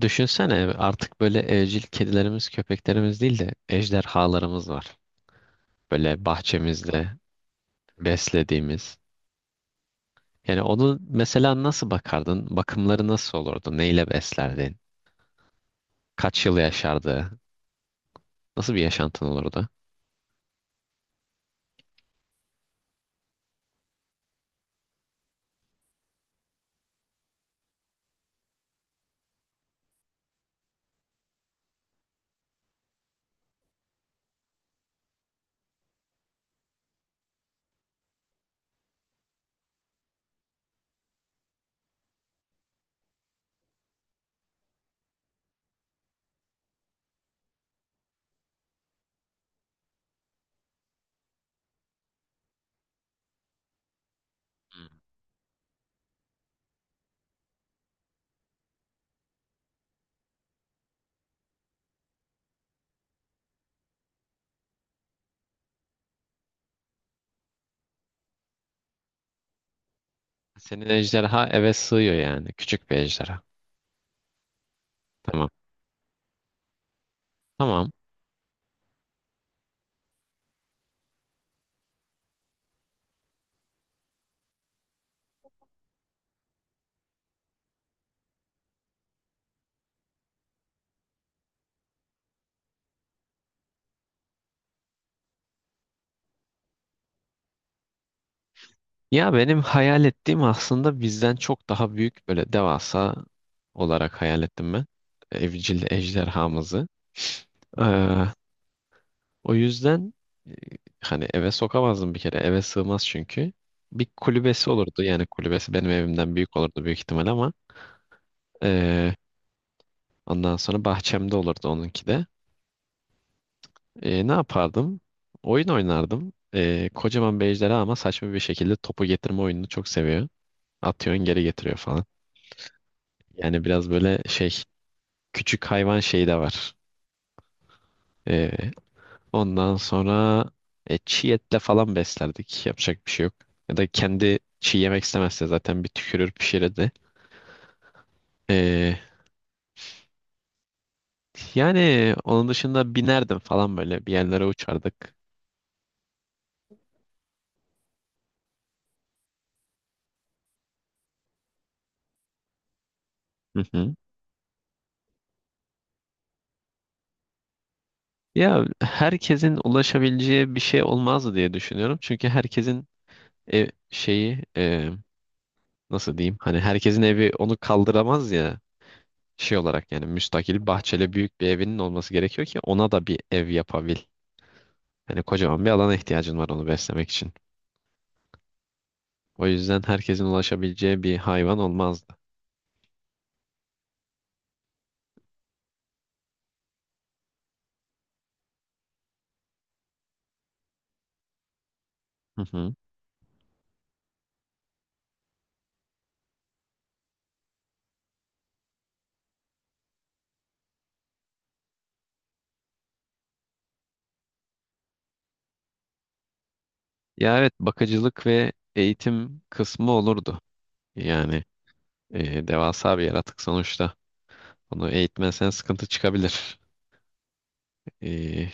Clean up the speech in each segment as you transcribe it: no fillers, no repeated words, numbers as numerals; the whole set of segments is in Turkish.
Düşünsene artık böyle evcil kedilerimiz, köpeklerimiz değil de ejderhalarımız var. Böyle bahçemizde beslediğimiz. Yani onu mesela nasıl bakardın? Bakımları nasıl olurdu? Neyle beslerdin? Kaç yıl yaşardı? Nasıl bir yaşantın olurdu? Hmm. Senin ejderha eve sığıyor yani. Küçük bir ejderha. Tamam. Tamam. Ya benim hayal ettiğim aslında bizden çok daha büyük böyle devasa olarak hayal ettim ben. Evcil ejderhamızı. Ee, O yüzden e, Hani eve sokamazdım bir kere. Eve sığmaz çünkü. Bir kulübesi olurdu. Yani kulübesi benim evimden büyük olurdu büyük ihtimal ama e, ondan sonra bahçemde olurdu onunki de. Ne yapardım? Oyun oynardım. Kocaman bir ejderha ama saçma bir şekilde topu getirme oyununu çok seviyor. Atıyorsun geri getiriyor falan. Yani biraz böyle şey küçük hayvan şeyi de var. E, Ondan sonra çiğ etle falan beslerdik. Yapacak bir şey yok. Ya da kendi çiğ yemek istemezse zaten bir tükürür pişirirdi. E, Yani onun dışında binerdim falan böyle bir yerlere uçardık. Hı hı. Ya herkesin ulaşabileceği bir şey olmaz diye düşünüyorum. Çünkü herkesin ev şeyi nasıl diyeyim? Hani herkesin evi onu kaldıramaz ya şey olarak yani müstakil bahçeli büyük bir evinin olması gerekiyor ki ona da bir ev yapabil. Hani kocaman bir alana ihtiyacın var onu beslemek için. O yüzden herkesin ulaşabileceği bir hayvan olmazdı. Hı hı. Ya evet, bakıcılık ve eğitim kısmı olurdu. Yani devasa bir yaratık sonuçta. Onu eğitmezsen sıkıntı çıkabilir. E,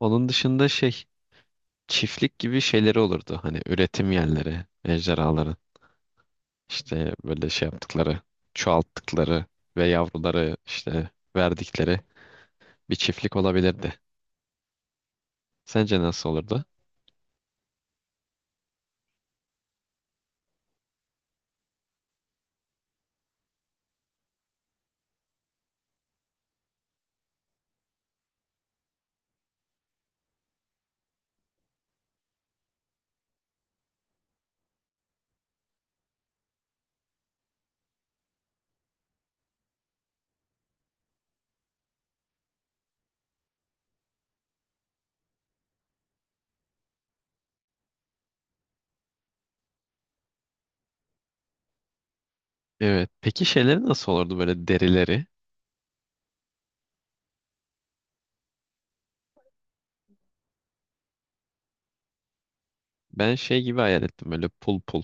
Onun dışında şey çiftlik gibi şeyleri olurdu. Hani üretim yerleri, ejderhaların işte böyle şey yaptıkları, çoğalttıkları ve yavruları işte verdikleri bir çiftlik olabilirdi. Sence nasıl olurdu? Evet. Peki şeyleri nasıl olurdu böyle derileri? Ben şey gibi hayal ettim böyle pul pul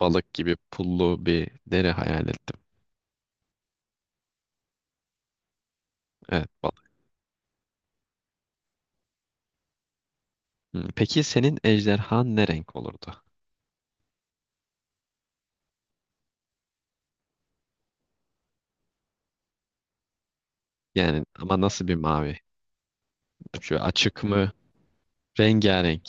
balık gibi pullu bir deri hayal ettim. Evet, balık. Hmm. Peki senin ejderhan ne renk olurdu? Yani ama nasıl bir mavi? Şu açık mı? Rengarenk.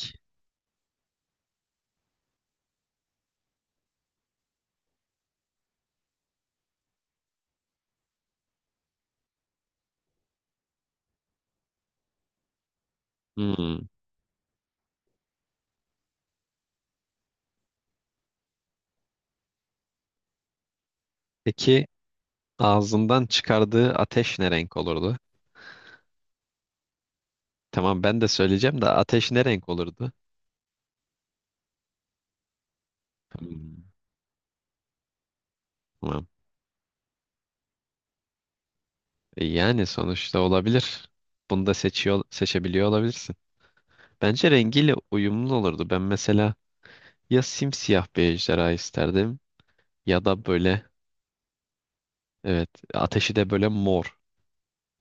Hmm. Peki ağzından çıkardığı ateş ne renk olurdu? Tamam, ben de söyleyeceğim de ateş ne renk olurdu? Hmm. Tamam. Yani sonuçta olabilir. Bunu da seçiyor, seçebiliyor olabilirsin. Bence rengiyle uyumlu olurdu. Ben mesela ya simsiyah bir ejderha isterdim ya da böyle evet ateşi de böyle mor,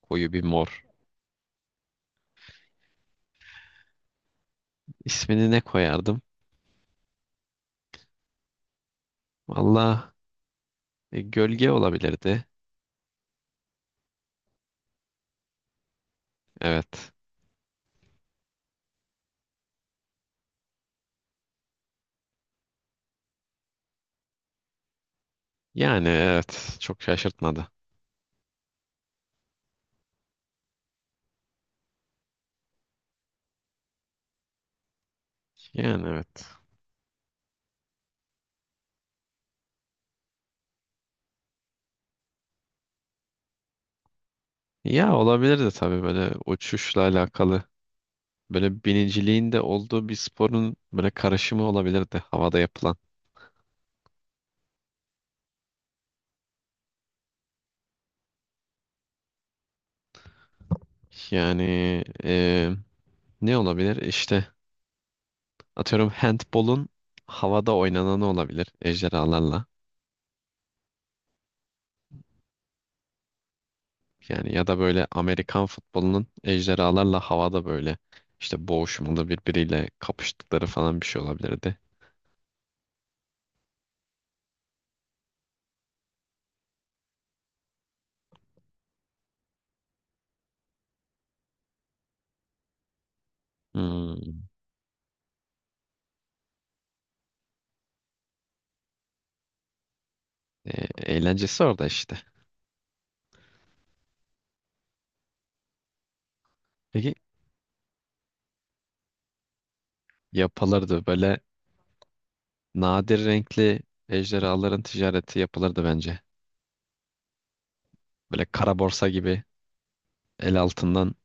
koyu bir mor. İsmini ne koyardım? Valla gölge olabilirdi. Evet. Yani evet, çok şaşırtmadı. Yani evet. Ya olabilirdi tabii böyle uçuşla alakalı. Böyle biniciliğin de olduğu bir sporun böyle karışımı olabilirdi havada yapılan. Yani e, ne olabilir? İşte atıyorum handbolun havada oynananı olabilir ejderhalarla. Yani ya da böyle Amerikan futbolunun ejderhalarla havada böyle işte boğuşmalı birbiriyle kapıştıkları falan bir şey olabilirdi. Hmm. E, Eğlencesi orada işte. Peki yapılırdı böyle nadir renkli ejderhaların ticareti yapılırdı bence. Böyle kara borsa gibi el altından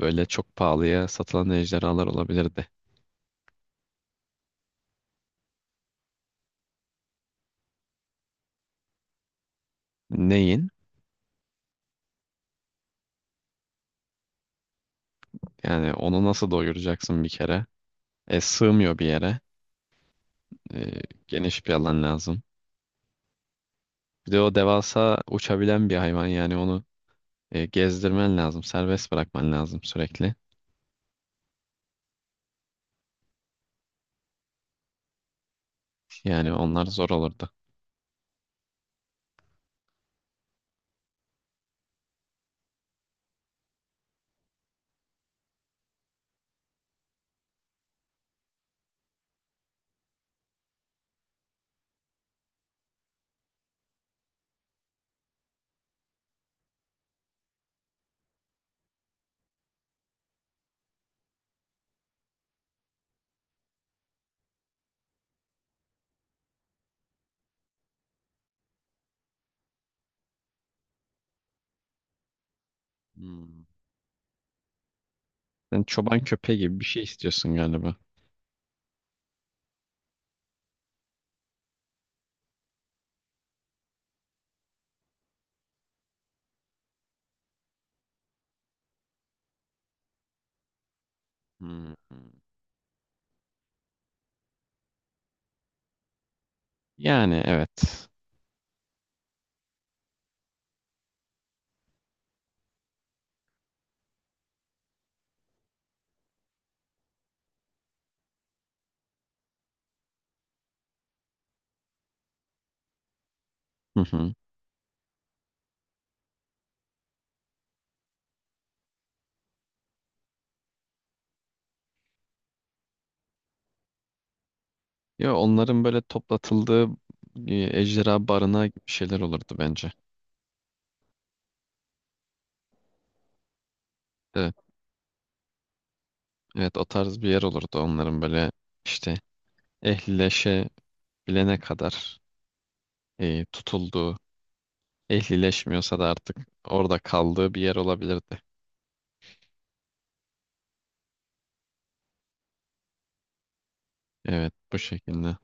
böyle çok pahalıya satılan ejderhalar olabilirdi. Neyin? Yani onu nasıl doyuracaksın bir kere? Sığmıyor bir yere. e, Geniş bir alan lazım. Bir de o devasa uçabilen bir hayvan yani onu gezdirmen lazım, serbest bırakman lazım sürekli. Yani onlar zor olurdu. Hmm. Sen çoban köpeği gibi bir şey istiyorsun galiba. Hmm, hmm. Yani evet. Hı hı. Ya onların böyle toplatıldığı e, ejderha barınağı gibi şeyler olurdu bence. Evet, evet, o tarz bir yer olurdu onların böyle işte ehlileşebilene kadar tutulduğu. Ehlileşmiyorsa da artık orada kaldığı bir yer olabilirdi. Evet, bu şekilde.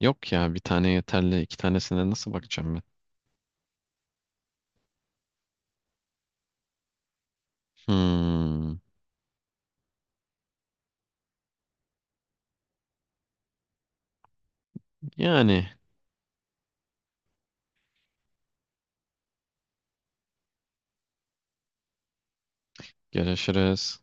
Yok ya, bir tane yeterli, iki tanesine nasıl bakacağım ben? Hmm, yani görüşürüz.